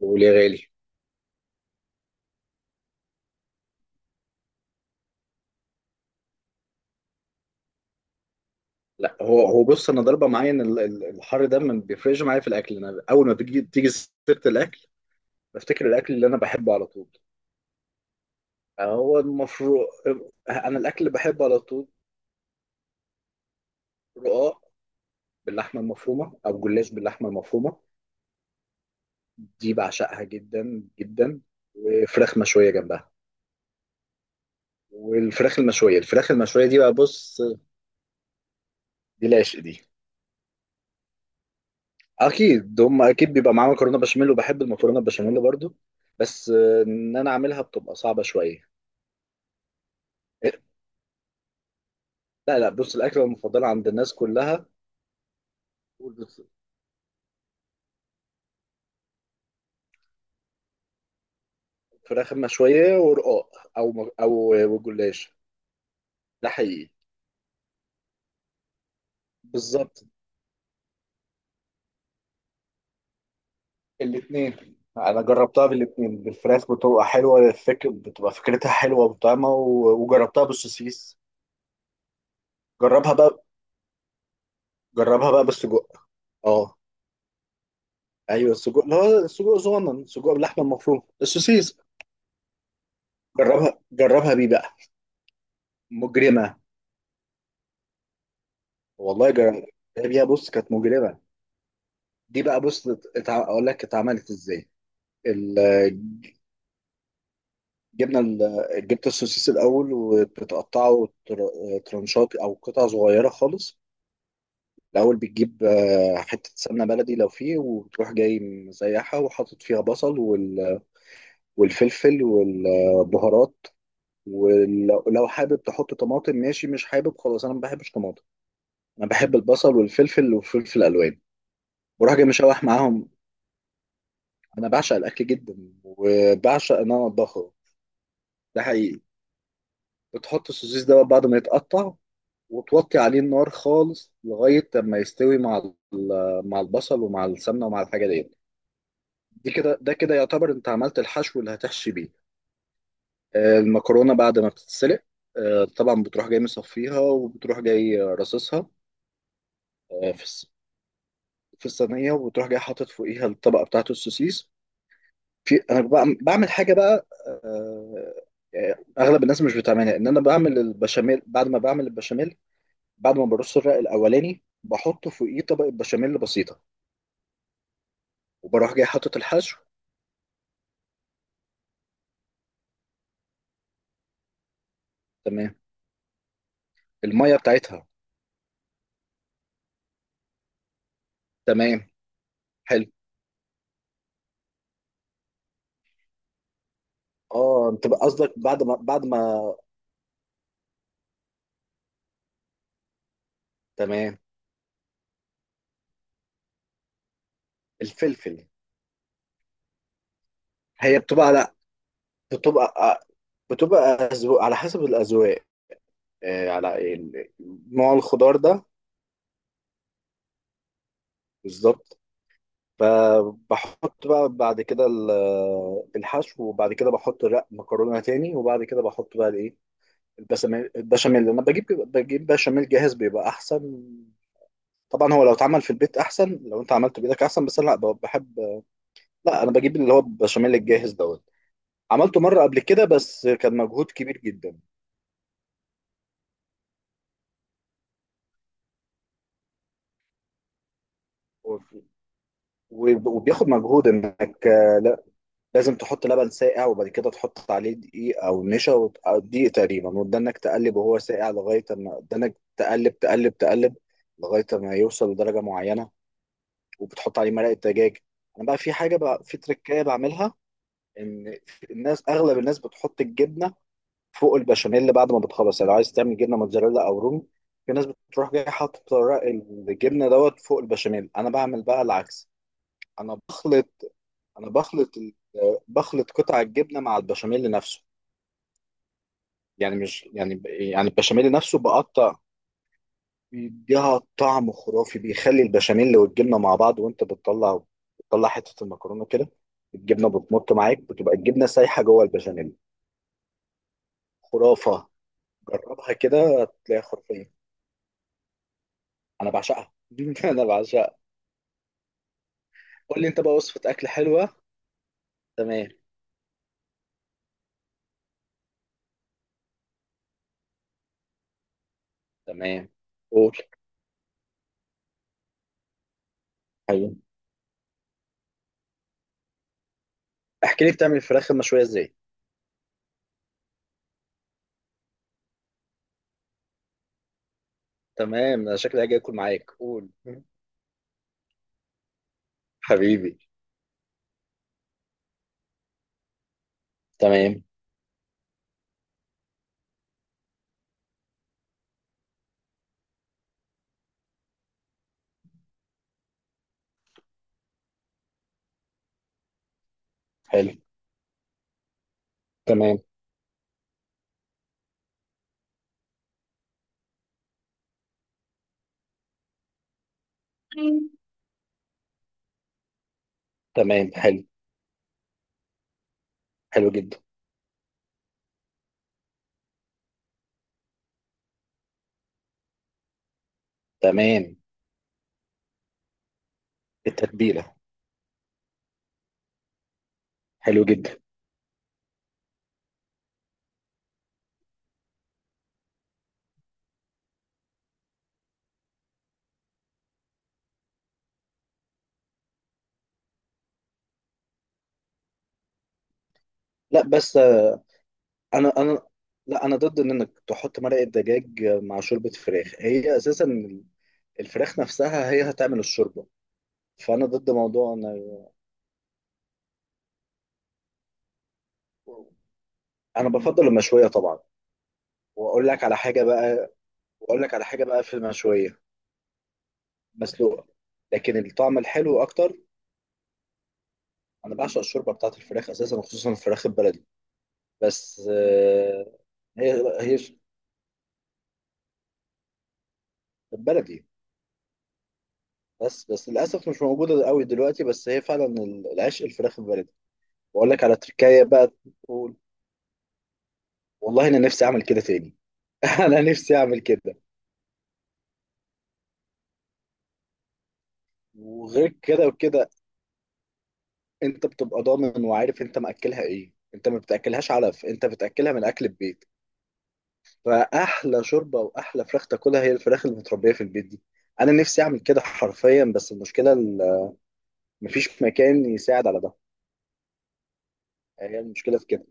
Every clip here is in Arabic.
بقول يا غالي. لا هو بص، انا ضربه معايا ان الحر ده ما بيفرقش معايا في الاكل. انا اول ما بتيجي سيره الاكل بفتكر الاكل اللي انا بحبه على طول. هو المفروض انا الاكل اللي بحبه على طول رقاق باللحمه المفرومه او جلاش باللحمه المفرومه، دي بعشقها جدا جدا. وفراخ مشويه جنبها. والفراخ المشويه، الفراخ المشويه دي بقى، بص، دي العشق دي. اكيد بيبقى معاهم مكرونه بشاميل، وبحب المكرونه بشاميل برضو. بس ان انا اعملها بتبقى صعبه شويه. لا، لا، بص، الاكله المفضله عند الناس كلها فراخ مشويه ورقاق او وجلاش. ده حقيقي. بالظبط، الاثنين انا جربتها بالاثنين. بالفراخ بتبقى حلوه، الفكر بتبقى فكرتها حلوه وطعمه، وجربتها بالسوسيس. جربها بقى جربها بقى بالسجق. اه، ايوه، السجق، اللي هو السجق صغنن، سجق باللحمه المفرومه السوسيس. جربها بيه بقى، مجرمه. والله جربها بيها، بص، كانت مجرمه. دي بقى، بص، اقول لك اتعملت ازاي. ال- جبت السوسيس الاول وبتقطعه ترانشات او قطع صغيره خالص. الاول بتجيب حته سمنه بلدي لو فيه، وتروح جاي مسيحها وحاطط فيها بصل والفلفل والبهارات. لو حابب تحط طماطم ماشي، مش حابب خلاص، انا ما بحبش طماطم. انا بحب البصل والفلفل وفلفل الوان. بروح جاي مشوح معاهم. انا بعشق الاكل جدا، وبعشق ان انا اطبخه. ده حقيقي. بتحط السوسيس ده بعد ما يتقطع، وتوطي عليه النار خالص لغاية لما يستوي مع مع البصل ومع السمنة ومع الحاجة دي. دي كده ده كده يعتبر انت عملت الحشو اللي هتحشي بيه. المكرونة بعد ما بتتسلق، طبعا بتروح جاي مصفيها، وبتروح جاي رصصها آه، في الص- في الصينية، وبتروح جاي حاطط فوقيها الطبقة بتاعت السوسيس. في انا بعمل حاجة بقى، اغلب الناس مش بتعملها، ان انا بعمل البشاميل. بعد ما بعمل البشاميل بعد ما برص الرق الاولاني بحط فوقيه طبقه بشاميل بسيطه، وبروح جاي حاطط الحشو. تمام، الميه بتاعتها. تمام، حلو. اه، انت بقى قصدك بعد ما تمام. الفلفل. هي بتبقى، لا، بتبقى بتبقى أذواق، على حسب الاذواق. على نوع الخضار ده. بالظبط. فبحط بقى بعد كده الحشو، وبعد كده بحط رق مكرونه تاني، وبعد كده بحط بقى الايه، البشاميل لما بجيب بشاميل جاهز بيبقى احسن. طبعا، هو لو اتعمل في البيت احسن، لو انت عملته بايدك احسن، بس أنا لا بحب. لا، انا بجيب اللي هو البشاميل الجاهز دوت. عملته مره قبل كده بس كان مجهود كبير جدا. و- وبياخد مجهود انك لا، لازم تحط لبن ساقع، وبعد كده تحط عليه دقيق او نشا أو دقيق تقريبا، وتدنك تقلب وهو ساقع لغايه ما تدنك تقلب تقلب تقلب لغايه ما يوصل لدرجه معينه. وبتحط عليه مرقه دجاج. انا بقى في حاجه بقى، في تريكايه بعملها. ان اغلب الناس بتحط الجبنه فوق البشاميل بعد ما بتخلص، يعني لو عايز تعمل جبنه موتزاريلا او رومي، في ناس بتروح جاي حاطط ورق الجبنه دوت فوق البشاميل. انا بعمل بقى العكس. انا بخلط انا بخلط بخلط قطع الجبنه مع البشاميل نفسه. يعني مش، يعني البشاميل نفسه بقطع، بيديها طعم خرافي، بيخلي البشاميل والجبنه مع بعض، وانت بتطلع حته المكرونه كده، الجبنه بتمط معاك، بتبقى الجبنه سايحه جوه البشاميل. خرافه. جربها كده تلاقيها خرافيه. انا بعشقها انا بعشقها. قول لي انت بقى وصفه اكل حلوه. تمام. تمام، قول، حبيبي. احكي لي بتعمل الفراخ المشويه ازاي؟ تمام، انا شكلي هاجي اكل معاك، قول حبيبي. تمام. حلو. تمام. تمام، حلو. حلو جدا. تمام، التتبيله. حلو جدا. لا، بس انا انا لا، انا ضد ان انك تحط مرقه دجاج مع شوربه فراخ. هي اساسا الفراخ نفسها هي هتعمل الشوربه. فانا ضد موضوع، انا انا بفضل المشويه طبعا. واقول لك على حاجه بقى. واقول لك على حاجه بقى في المشويه مسلوقه، لكن الطعم الحلو اكتر. انا بعشق الشوربه بتاعت الفراخ اساسا، وخصوصا الفراخ البلدي. بس هي هي البلدي. بس للاسف مش موجوده قوي دلوقتي، بس هي فعلا العشق، الفراخ البلدي. واقول لك على تركايه بقى، تقول، والله انا نفسي اعمل كده تاني. انا نفسي اعمل كده. وغير كده وكده، انت بتبقى ضامن وعارف انت مأكلها ايه. انت ما بتاكلهاش علف، انت بتاكلها من اكل البيت. فاحلى شوربه واحلى فراخ تاكلها هي الفراخ اللي متربيه في البيت دي. انا نفسي اعمل كده حرفيا، بس المشكله مفيش مكان يساعد على ده. هي المشكله في كده.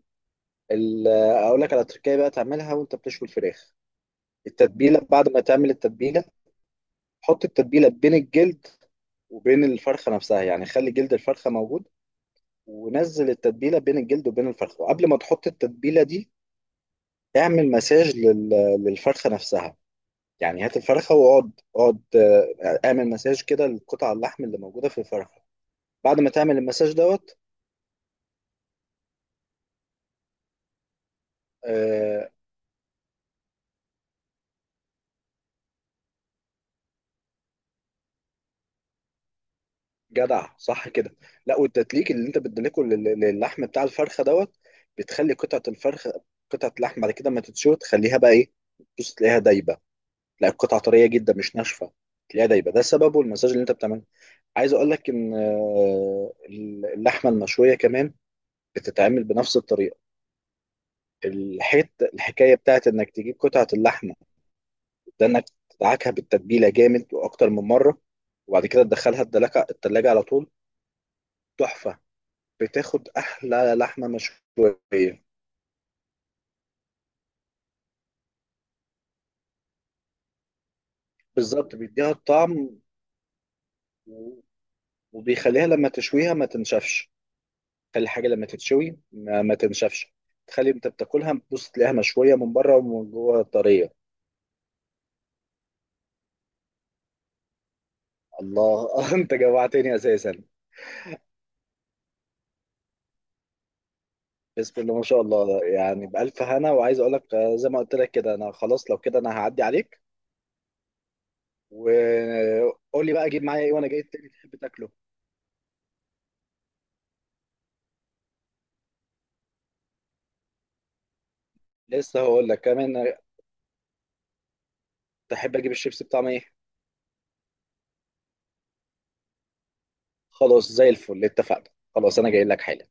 اقول لك على تركايه بقى تعملها وانت بتشوي الفراخ. التتبيله، بعد ما تعمل التتبيله حط التتبيله بين الجلد وبين الفرخه نفسها، يعني خلي جلد الفرخه موجود، ونزل التتبيله بين الجلد وبين الفرخه. وقبل ما تحط التتبيله دي اعمل مساج للفرخه نفسها. يعني هات الفرخه، اقعد اعمل مساج كده لقطع اللحم اللي موجوده في الفرخه. بعد ما تعمل المساج دوت آه، جدع صح كده. لا، والتدليك اللي انت بتدلكه للحم بتاع الفرخه دوت بتخلي قطعه اللحم بعد كده ما تتشوي، تخليها بقى ايه، بص، تلاقيها دايبه. لا، القطعه طريه جدا مش ناشفه، تلاقيها دايبه. ده سببه المساج اللي انت بتعمله. عايز اقول لك ان اللحمه المشويه كمان بتتعمل بنفس الطريقه. الحكايه بتاعت انك تجيب قطعه اللحمه ده، انك تدعكها بالتتبيله جامد واكتر من مره، وبعد كده تدخلها التلاجه على طول. تحفه، بتاخد احلى لحمه مشويه. بالظبط، بيديها الطعم. و- وبيخليها لما تشويها ما تنشفش. خلي الحاجه لما تتشوي ما تنشفش، تخلي انت بتاكلها، بتبص تلاقيها مشويه من بره ومن جوه طريه. الله انت جوعتني اساسا. بسم الله ما شاء الله، يعني بألف هنا. وعايز اقول لك زي ما قلت لك كده، انا خلاص لو كده انا هعدي عليك. وقول لي بقى اجيب معايا ايه وانا جاي تاني تحب تاكله. لسه هقول لك كمان تحب اجيب الشيبس بطعم ايه؟ خلاص، زي الفل، اتفقنا. خلاص، انا جاي لك حالا.